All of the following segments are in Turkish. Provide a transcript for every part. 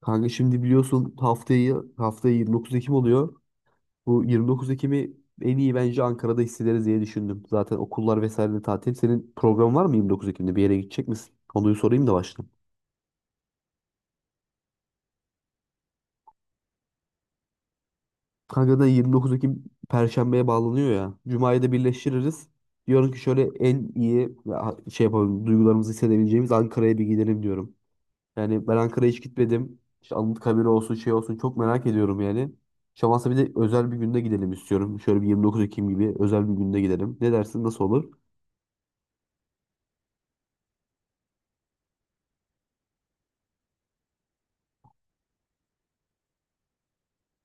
Kanka şimdi biliyorsun haftayı 29 Ekim oluyor. Bu 29 Ekim'i en iyi bence Ankara'da hissederiz diye düşündüm. Zaten okullar vesaire de tatil. Senin programın var mı 29 Ekim'de? Bir yere gidecek misin? Konuyu sorayım da başlayayım. Kanka da 29 Ekim Perşembe'ye bağlanıyor ya. Cuma'yı da birleştiririz. Diyorum ki şöyle en iyi ya, şey yapalım duygularımızı hissedebileceğimiz Ankara'ya bir gidelim diyorum. Yani ben Ankara'ya hiç gitmedim. İşte Anıtkabir olsun şey olsun çok merak ediyorum yani. Şamansa bir de özel bir günde gidelim istiyorum. Şöyle bir 29 Ekim gibi özel bir günde gidelim. Ne dersin nasıl olur?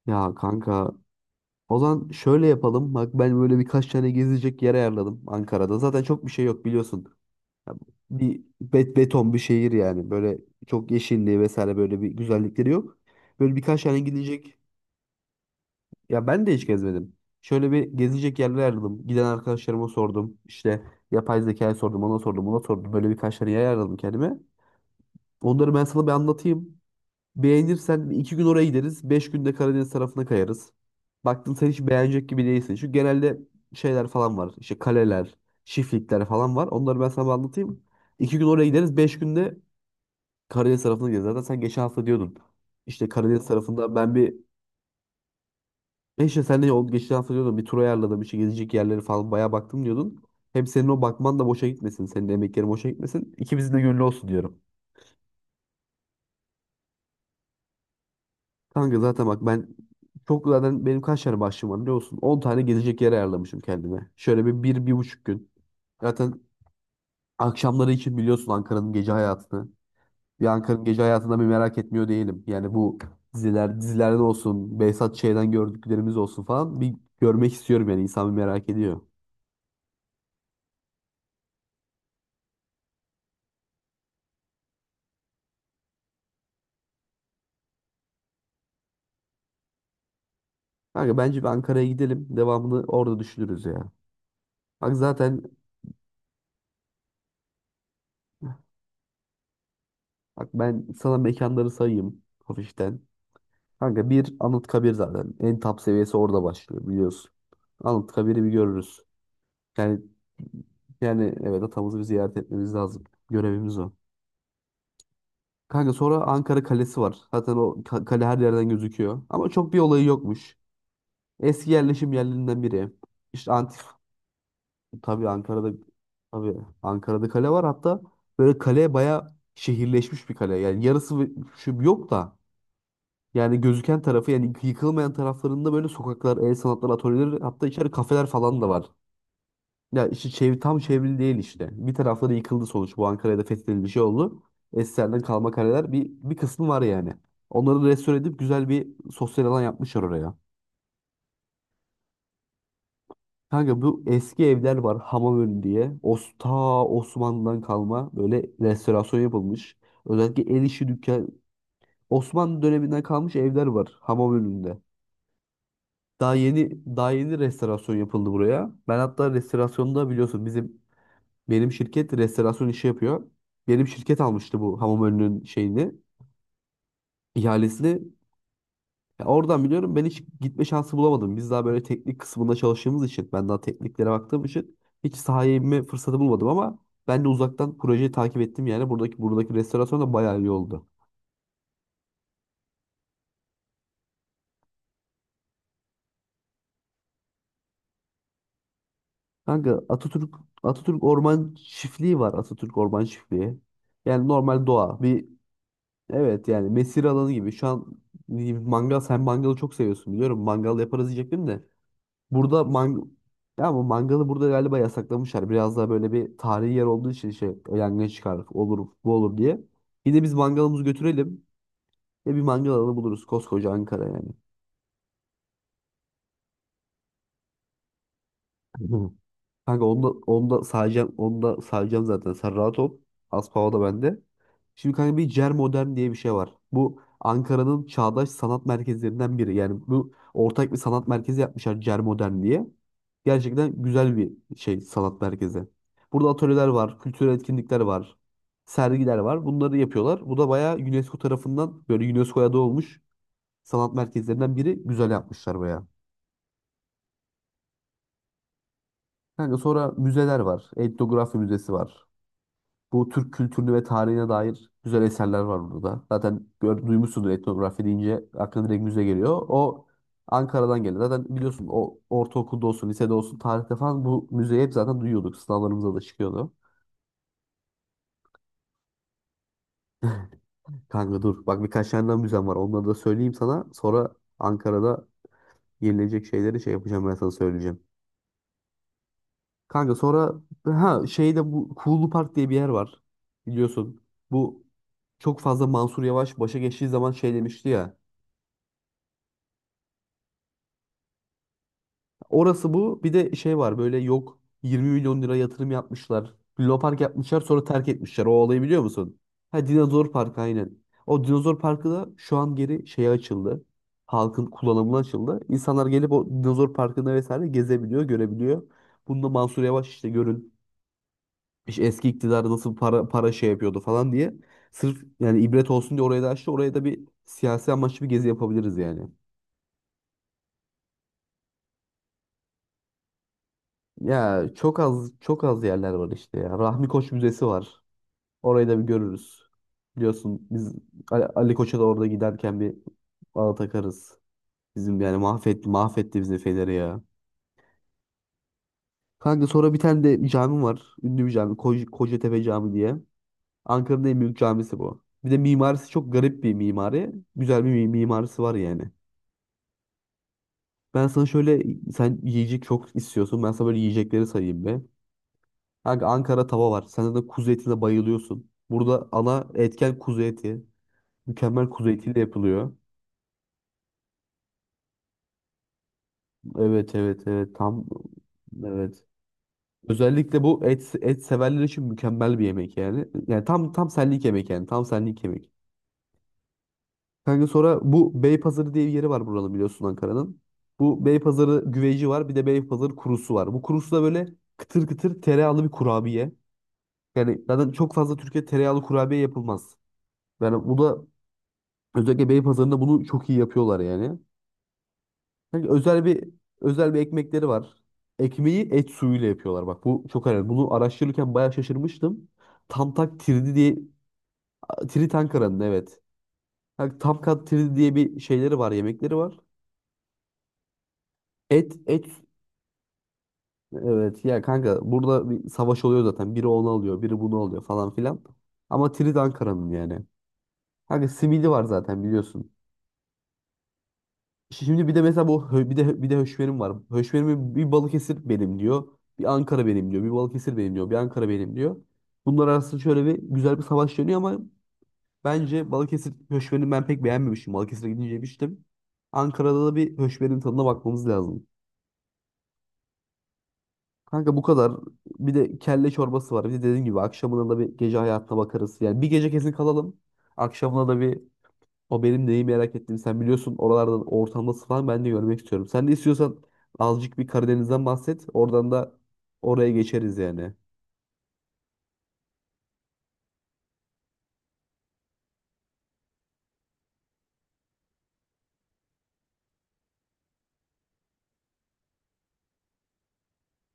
Ya kanka o zaman şöyle yapalım. Bak ben böyle birkaç tane gezecek yer ayarladım Ankara'da. Zaten çok bir şey yok biliyorsun. Ya bir beton bir şehir yani. Böyle çok yeşilliği vesaire böyle bir güzellikleri yok. Böyle birkaç tane gidecek. Ya ben de hiç gezmedim. Şöyle bir gezilecek yerler aradım. Giden arkadaşlarıma sordum. İşte yapay zekaya sordum, ona sordum, ona sordum. Böyle birkaç tane yer aradım kendime. Onları ben sana bir anlatayım. Beğenirsen bir iki gün oraya gideriz. 5 günde Karadeniz tarafına kayarız. Baktın sen hiç beğenecek gibi değilsin. Çünkü genelde şeyler falan var. İşte kaleler, çiftlikler falan var. Onları ben sana bir anlatayım. 2 gün oraya gideriz. Beş günde Karadeniz tarafına gideriz. Zaten sen geçen hafta diyordun. İşte Karadeniz tarafında ben bir. E işte sen de o geçen hafta diyordun bir tur ayarladım bir şey gezecek yerleri falan bayağı baktım diyordun. Hem senin o bakman da boşa gitmesin. Senin de emeklerin boşa gitmesin. İkimizin de gönlü olsun diyorum. Kanka zaten bak ben çok zaten benim kaç tane başlığım var biliyor musun? 10 tane gezecek yer ayarlamışım kendime. Şöyle bir buçuk gün. Zaten akşamları için biliyorsun Ankara'nın gece hayatını. Bir Ankara'nın gece hayatında bir merak etmiyor değilim. Yani bu dizilerden olsun, Behzat Ç'den gördüklerimiz olsun falan bir görmek istiyorum yani insan bir merak ediyor. Kanka bence bir Ankara'ya gidelim. Devamını orada düşünürüz ya. Bak zaten bak ben sana mekanları sayayım hafiften. Kanka bir Anıtkabir zaten. En top seviyesi orada başlıyor biliyorsun. Anıtkabir'i bir görürüz. Yani evet atamızı bir ziyaret etmemiz lazım. Görevimiz o. Kanka sonra Ankara Kalesi var. Zaten o kale her yerden gözüküyor. Ama çok bir olayı yokmuş. Eski yerleşim yerlerinden biri. İşte antik Tabii Ankara'da tabii Ankara'da kale var hatta böyle kale baya şehirleşmiş bir kale. Yani yarısı şu yok da yani gözüken tarafı yani yıkılmayan taraflarında böyle sokaklar, el sanatları atölyeleri hatta içeri kafeler falan da var. Ya işte tam çevrili değil işte. Bir tarafları yıkıldı sonuç. Bu Ankara'da fethedildi şey oldu. Eskilerden kalma kaleler bir kısmı var yani. Onları restore edip güzel bir sosyal alan yapmışlar oraya. Kanka bu eski evler var Hamamön diye. Osmanlı'dan kalma böyle restorasyon yapılmış. Özellikle el işi dükkan. Osmanlı döneminden kalmış evler var Hamamönü'nde. Daha yeni restorasyon yapıldı buraya. Ben hatta restorasyonda biliyorsun benim şirket restorasyon işi yapıyor. Benim şirket almıştı bu Hamamönü'nün şeyini, ihalesini. Ya oradan biliyorum ben hiç gitme şansı bulamadım. Biz daha böyle teknik kısmında çalıştığımız için ben daha tekniklere baktığım için hiç sahaya inme fırsatı bulmadım ama ben de uzaktan projeyi takip ettim yani buradaki restorasyon da bayağı iyi oldu. Kanka Atatürk Orman Çiftliği var. Atatürk Orman Çiftliği. Yani normal doğa. Bir evet yani mesire alanı gibi. Şu an mangal sen mangalı çok seviyorsun biliyorum. Mangal yaparız diyecektim de. Burada ya bu mangalı burada galiba yasaklamışlar. Biraz daha böyle bir tarihi yer olduğu için şey yangın çıkar olur bu olur diye. Bir biz mangalımızı götürelim. Ya bir mangal alanı buluruz koskoca Ankara yani. Kanka onu da sayacağım zaten. Sen rahat ol. Az pava da bende. Şimdi kanka bir Cer Modern diye bir şey var. Bu Ankara'nın çağdaş sanat merkezlerinden biri. Yani bu ortak bir sanat merkezi yapmışlar Cer Modern diye. Gerçekten güzel bir şey sanat merkezi. Burada atölyeler var, kültürel etkinlikler var, sergiler var. Bunları yapıyorlar. Bu da bayağı UNESCO tarafından böyle UNESCO'ya da olmuş sanat merkezlerinden biri. Güzel yapmışlar bayağı. Kanka sonra müzeler var. Etnografi müzesi var. Bu Türk kültürünü ve tarihine dair güzel eserler var burada. Zaten duymuşsundur etnografi deyince aklına direkt müze geliyor. O Ankara'dan geliyor. Zaten biliyorsun o ortaokulda olsun, lisede olsun, tarihte falan bu müzeyi hep zaten duyuyorduk. Sınavlarımızda da çıkıyordu. Kanka dur. Bak birkaç tane daha müzem var. Onları da söyleyeyim sana. Sonra Ankara'da yenilecek şeyleri şey yapacağım ben sana söyleyeceğim. Kanka sonra ha şeyde bu Kuğulu Park diye bir yer var. Biliyorsun. Bu çok fazla Mansur Yavaş başa geçtiği zaman şey demişti ya. Orası bu. Bir de şey var böyle yok 20 milyon lira yatırım yapmışlar. Lunapark yapmışlar sonra terk etmişler. O olayı biliyor musun? Ha Dinozor Parkı aynen. O Dinozor Parkı da şu an geri şeye açıldı. Halkın kullanımına açıldı. İnsanlar gelip o Dinozor Parkı'nda vesaire gezebiliyor, görebiliyor. Bunda Mansur Yavaş işte görün işte eski iktidar nasıl para şey yapıyordu falan diye. Sırf yani ibret olsun diye oraya da açtı. Oraya da bir siyasi amaçlı bir gezi yapabiliriz yani. Ya çok az yerler var işte ya. Rahmi Koç Müzesi var. Orayı da bir görürüz. Biliyorsun biz Ali Koç'a da orada giderken bir bağ takarız. Bizim yani mahvetti bizi Fener'i ya. Kanka sonra bir tane de cami var. Ünlü bir cami. Kocatepe Camii diye. Ankara'nın en büyük camisi bu. Bir de mimarisi çok garip bir mimari. Güzel bir mimarisi var yani. Ben sana şöyle sen yiyecek çok istiyorsun. Ben sana böyle yiyecekleri sayayım be. Kanka Ankara tava var. Sen de kuzu etine bayılıyorsun. Burada ana etken kuzu eti. Mükemmel kuzu etiyle yapılıyor. Evet evet evet tam evet. Özellikle bu et severler için mükemmel bir yemek yani. Yani tam senlik yemek yani. Tam senlik yemek. Kanka sonra bu Beypazarı diye bir yeri var buranın biliyorsun Ankara'nın. Bu Beypazarı güveci var. Bir de Beypazarı kurusu var. Bu kurusu da böyle kıtır kıtır tereyağlı bir kurabiye. Yani zaten çok fazla Türkiye tereyağlı kurabiye yapılmaz. Yani bu da özellikle Beypazarı'nda bunu çok iyi yapıyorlar yani. Sanki özel bir ekmekleri var. Ekmeği et suyuyla yapıyorlar. Bak bu çok önemli. Bunu araştırırken bayağı şaşırmıştım. Tamtak tirdi diye Tirit Ankara'nın evet. Yani Tamkat tirdi diye bir şeyleri var, yemekleri var. Et et evet ya kanka burada bir savaş oluyor zaten. Biri onu alıyor, biri bunu alıyor falan filan. Ama Tirit Ankara'nın yani. Kanka simidi var zaten biliyorsun. Şimdi bir de mesela bu bir de höşmerim var. Höşmerimi bir Balıkesir benim diyor. Bir Ankara benim diyor. Bir Balıkesir benim diyor. Bir Ankara benim diyor. Bunlar arasında şöyle bir güzel bir savaş dönüyor ama bence Balıkesir höşmerini ben pek beğenmemiştim. Balıkesir'e gidince yemiştim. Ankara'da da bir höşmerin tadına bakmamız lazım. Kanka bu kadar. Bir de kelle çorbası var. Bir de dediğim gibi akşamına da bir gece hayatına bakarız. Yani bir gece kesin kalalım. Akşamına da bir. O benim neyi merak ettiğimi sen biliyorsun. Oralardan ortam nasıl falan ben de görmek istiyorum. Sen de istiyorsan azıcık bir Karadeniz'den bahset. Oradan da oraya geçeriz yani.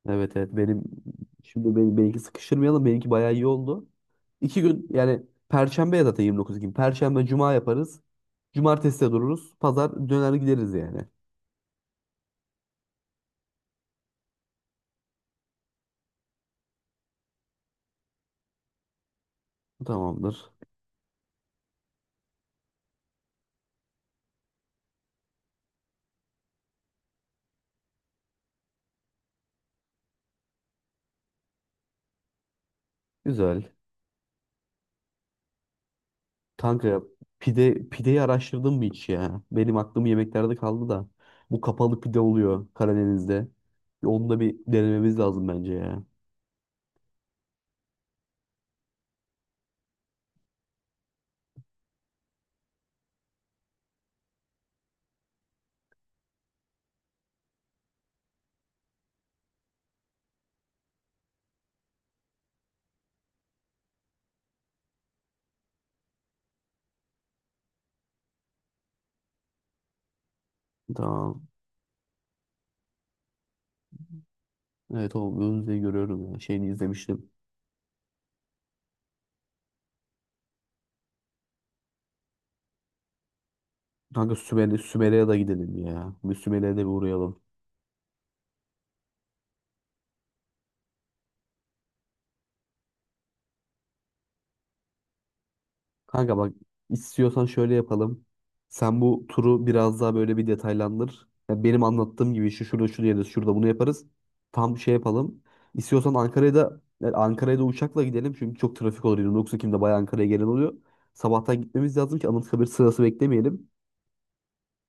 Evet evet benim benimki sıkıştırmayalım. Benimki bayağı iyi oldu. 2 gün yani Perşembe ya zaten 29 gün. Perşembe Cuma yaparız. Cumartesi de dururuz. Pazar döner gideriz yani. Tamamdır. Güzel. Kanka pideyi araştırdın mı hiç ya? Benim aklım yemeklerde kaldı da. Bu kapalı pide oluyor Karadeniz'de. Bir onu da bir denememiz lazım bence ya. Tamam. Evet o Önce'yi görüyorum ya. Şeyini izlemiştim. Kanka Sümele'ye de gidelim ya. Bir Sümele'ye de bir uğrayalım. Kanka bak istiyorsan şöyle yapalım. Sen bu turu biraz daha böyle bir detaylandır. Ya benim anlattığım gibi şu şurada şu yeriz, şurada bunu yaparız. Tam şey yapalım. İstiyorsan Ankara'ya da uçakla gidelim. Çünkü çok trafik olur. 29 Ekim'de bayağı Ankara'ya gelen oluyor. Sabahtan gitmemiz lazım ki Anıtkabir sırası beklemeyelim.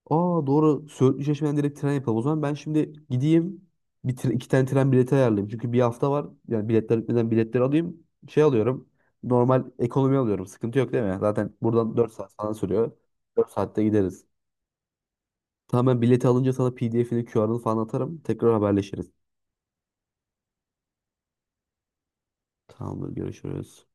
Aa doğru. Söğütlü Çeşme'den direkt tren yapalım. O zaman ben şimdi gideyim. Bir iki tane tren bileti ayarlayayım. Çünkü bir hafta var. Yani biletler bitmeden biletleri alayım. Şey alıyorum. Normal ekonomi alıyorum. Sıkıntı yok değil mi? Zaten buradan 4 saat falan sürüyor. 4 saatte gideriz. Tamam ben bileti alınca sana PDF'ini, QR'ını falan atarım. Tekrar haberleşiriz. Tamamdır görüşürüz.